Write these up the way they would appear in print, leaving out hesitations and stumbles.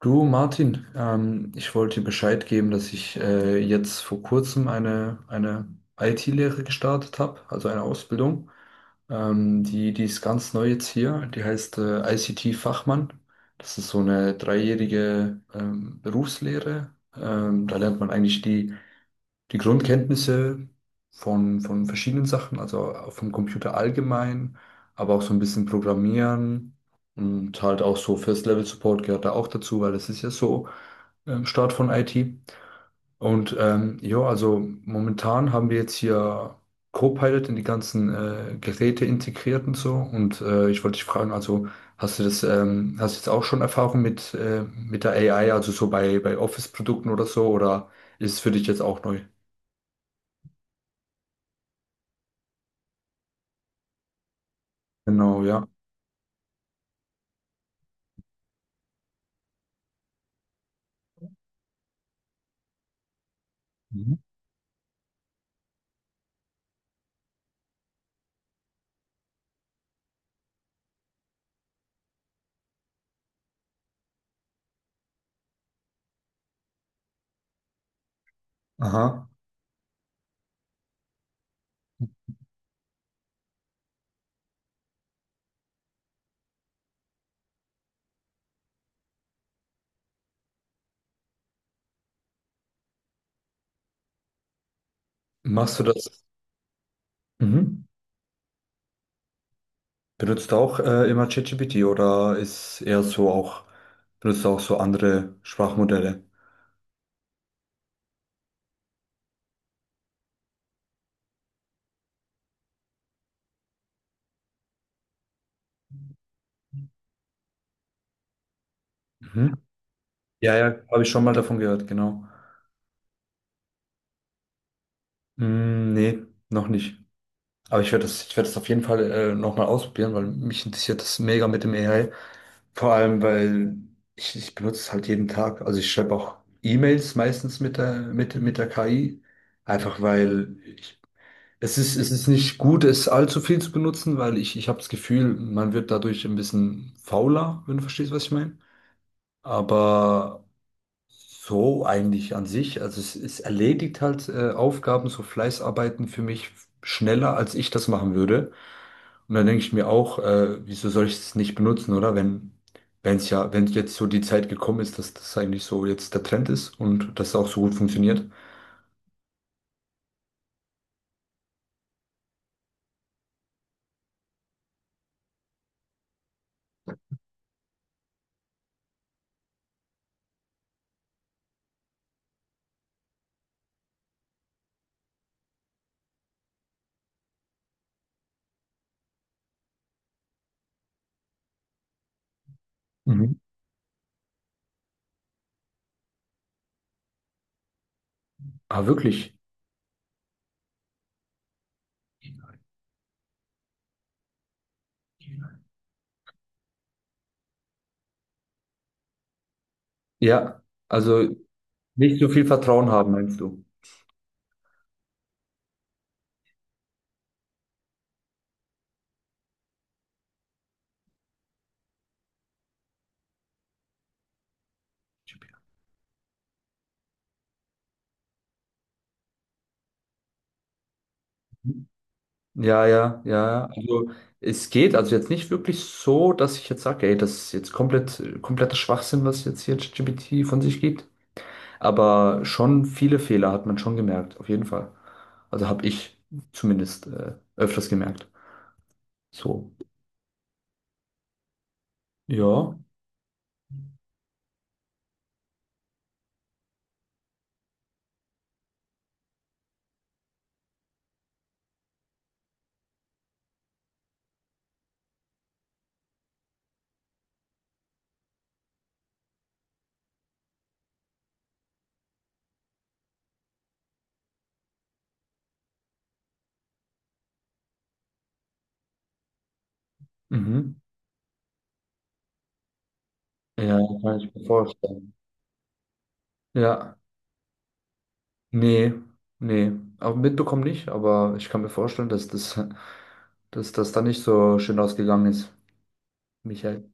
Du, Martin, ich wollte dir Bescheid geben, dass ich jetzt vor kurzem eine IT-Lehre gestartet habe, also eine Ausbildung. Die ist ganz neu jetzt hier. Die heißt ICT-Fachmann. Das ist so eine dreijährige Berufslehre. Da lernt man eigentlich die Grundkenntnisse von verschiedenen Sachen, also auch vom Computer allgemein, aber auch so ein bisschen Programmieren und halt auch so First-Level-Support gehört da auch dazu, weil das ist ja so Start von IT. Und ja, also momentan haben wir jetzt hier Copilot in die ganzen Geräte integriert und so. Und ich wollte dich fragen, also hast du das, hast du jetzt auch schon Erfahrung mit der AI, also so bei Office-Produkten oder so, oder ist es für dich jetzt auch neu? Genau, ja. Mhm. Aha. Machst du das? Mhm. Benutzt du auch immer ChatGPT oder ist eher so auch, benutzt du auch so andere Sprachmodelle? Mhm. Ja, ja, habe ich schon mal davon gehört, genau. Mm, nee, noch nicht. Aber ich werde das auf jeden Fall nochmal ausprobieren, weil mich interessiert das mega mit dem AI. Vor allem, weil ich benutze es halt jeden Tag. Also ich schreibe auch E-Mails meistens mit der KI. Einfach weil ich es ist, es ist nicht gut, es allzu viel zu benutzen, ich habe das Gefühl, man wird dadurch ein bisschen fauler, wenn du verstehst, was ich meine. Aber so eigentlich an sich, es erledigt halt Aufgaben, so Fleißarbeiten für mich schneller, als ich das machen würde. Und dann denke ich mir auch, wieso soll ich es nicht benutzen, oder? Wenn es ja, wenn jetzt so die Zeit gekommen ist, dass das eigentlich so jetzt der Trend ist und das auch so gut funktioniert. Mhm. Aber wirklich. Ja, also. Nicht so viel Vertrauen haben, meinst du? Ja, ja, ja. Also es geht also jetzt nicht wirklich so, dass ich jetzt sage, ey, das ist jetzt kompletter Schwachsinn, was jetzt hier ChatGPT von sich gibt. Aber schon viele Fehler hat man schon gemerkt, auf jeden Fall. Also habe ich zumindest öfters gemerkt. So. Ja. Mhm. Ja, kann ich mir vorstellen. Ja. Nee, nee. Aber mitbekommen nicht, aber ich kann mir vorstellen, dass das, dass das da nicht so schön ausgegangen ist. Michael.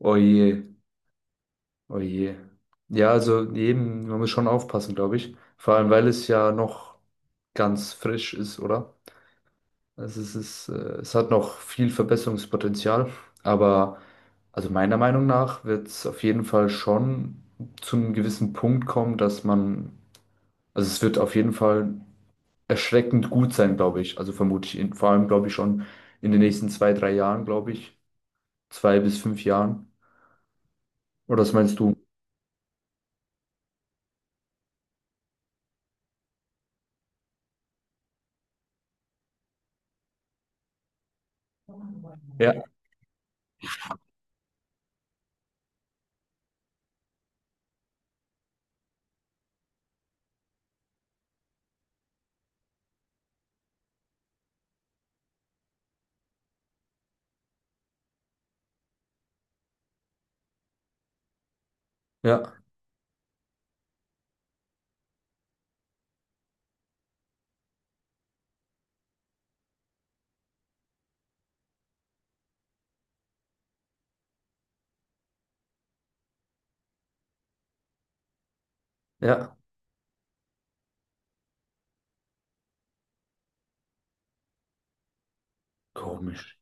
Oh je, oh je. Ja, also eben, man muss schon aufpassen, glaube ich. Vor allem, weil es ja noch ganz frisch ist, oder? Also es ist, äh, es hat noch viel Verbesserungspotenzial, aber also meiner Meinung nach wird es auf jeden Fall schon zu einem gewissen Punkt kommen, dass man, also es wird auf jeden Fall erschreckend gut sein, glaube ich. Also vermute ich, vor allem glaube ich schon in den nächsten zwei, drei Jahren, glaube ich, zwei bis fünf Jahren. Oder was meinst du? Ja, ja. Ja, komisch.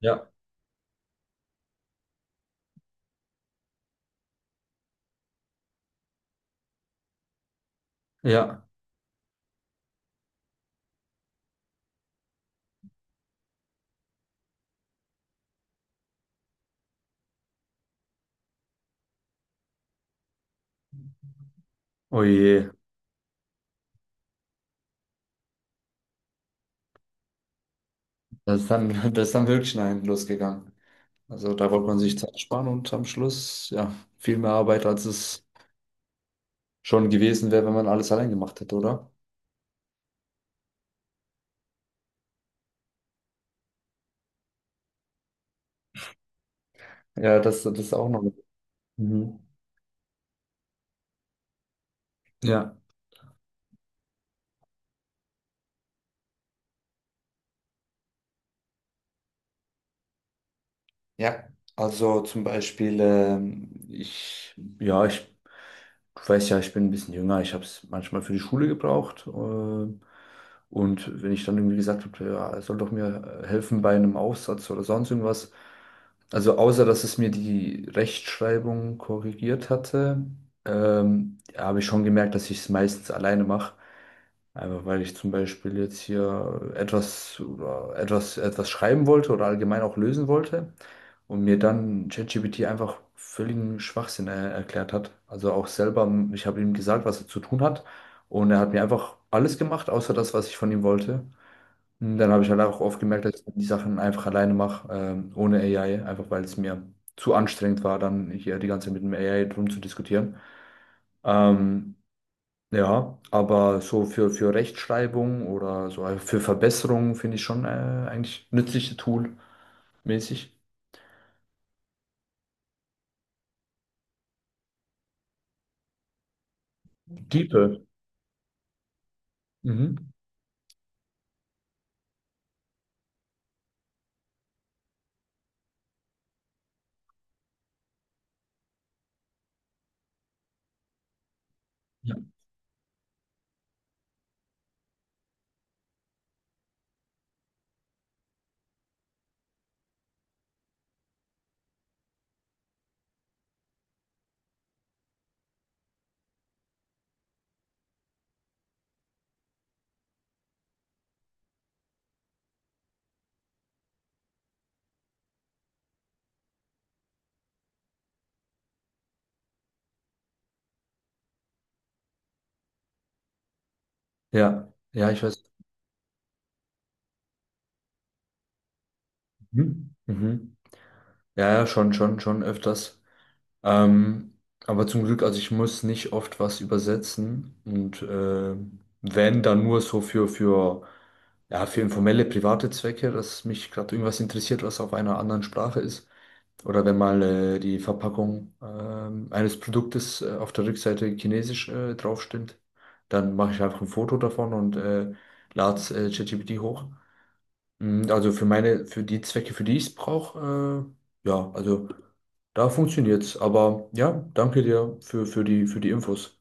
Ja. Ja, oh je. Das ist dann, das ist dann wirklich nach hinten losgegangen. Also da wollte man sich Zeit sparen und am Schluss, ja, viel mehr Arbeit, als es schon gewesen wäre, wenn man alles allein gemacht hätte, oder? Ja, das ist auch noch. Mhm. Ja. Ja, also zum Beispiel, ja, ich weiß ja, ich bin ein bisschen jünger, ich habe es manchmal für die Schule gebraucht. Und wenn ich dann irgendwie gesagt habe, ja, es soll doch mir helfen bei einem Aufsatz oder sonst irgendwas, also außer dass es mir die Rechtschreibung korrigiert hatte, habe ich schon gemerkt, dass ich es meistens alleine mache. Einfach weil ich zum Beispiel jetzt hier etwas schreiben wollte oder allgemein auch lösen wollte und mir dann ChatGPT einfach völligen Schwachsinn erklärt hat. Also auch selber, ich habe ihm gesagt, was er zu tun hat und er hat mir einfach alles gemacht, außer das, was ich von ihm wollte. Und dann habe ich halt auch oft gemerkt, dass ich die Sachen einfach alleine mache, ohne AI, einfach weil es mir zu anstrengend war, dann hier die ganze Zeit mit dem AI drum zu diskutieren. Ähm, ja, aber so für Rechtschreibung oder so also für Verbesserungen finde ich schon eigentlich nützliche Tool mäßig. Diepe. Mhm. Ja. Ja, ja, ich weiß. Mhm. Mhm. Ja, ja, schon, schon, schon öfters. Ähm, aber zum Glück, also ich muss nicht oft was übersetzen und wenn, dann nur so ja, für informelle, private Zwecke, dass mich gerade irgendwas interessiert, was auf einer anderen Sprache ist. Oder wenn mal die Verpackung eines Produktes auf der Rückseite chinesisch draufsteht, dann mache ich einfach ein Foto davon und lade es ChatGPT hoch. Mm, also für meine, für die Zwecke, für die ich es brauche, ja, also da funktioniert's. Aber ja, danke dir für die Infos.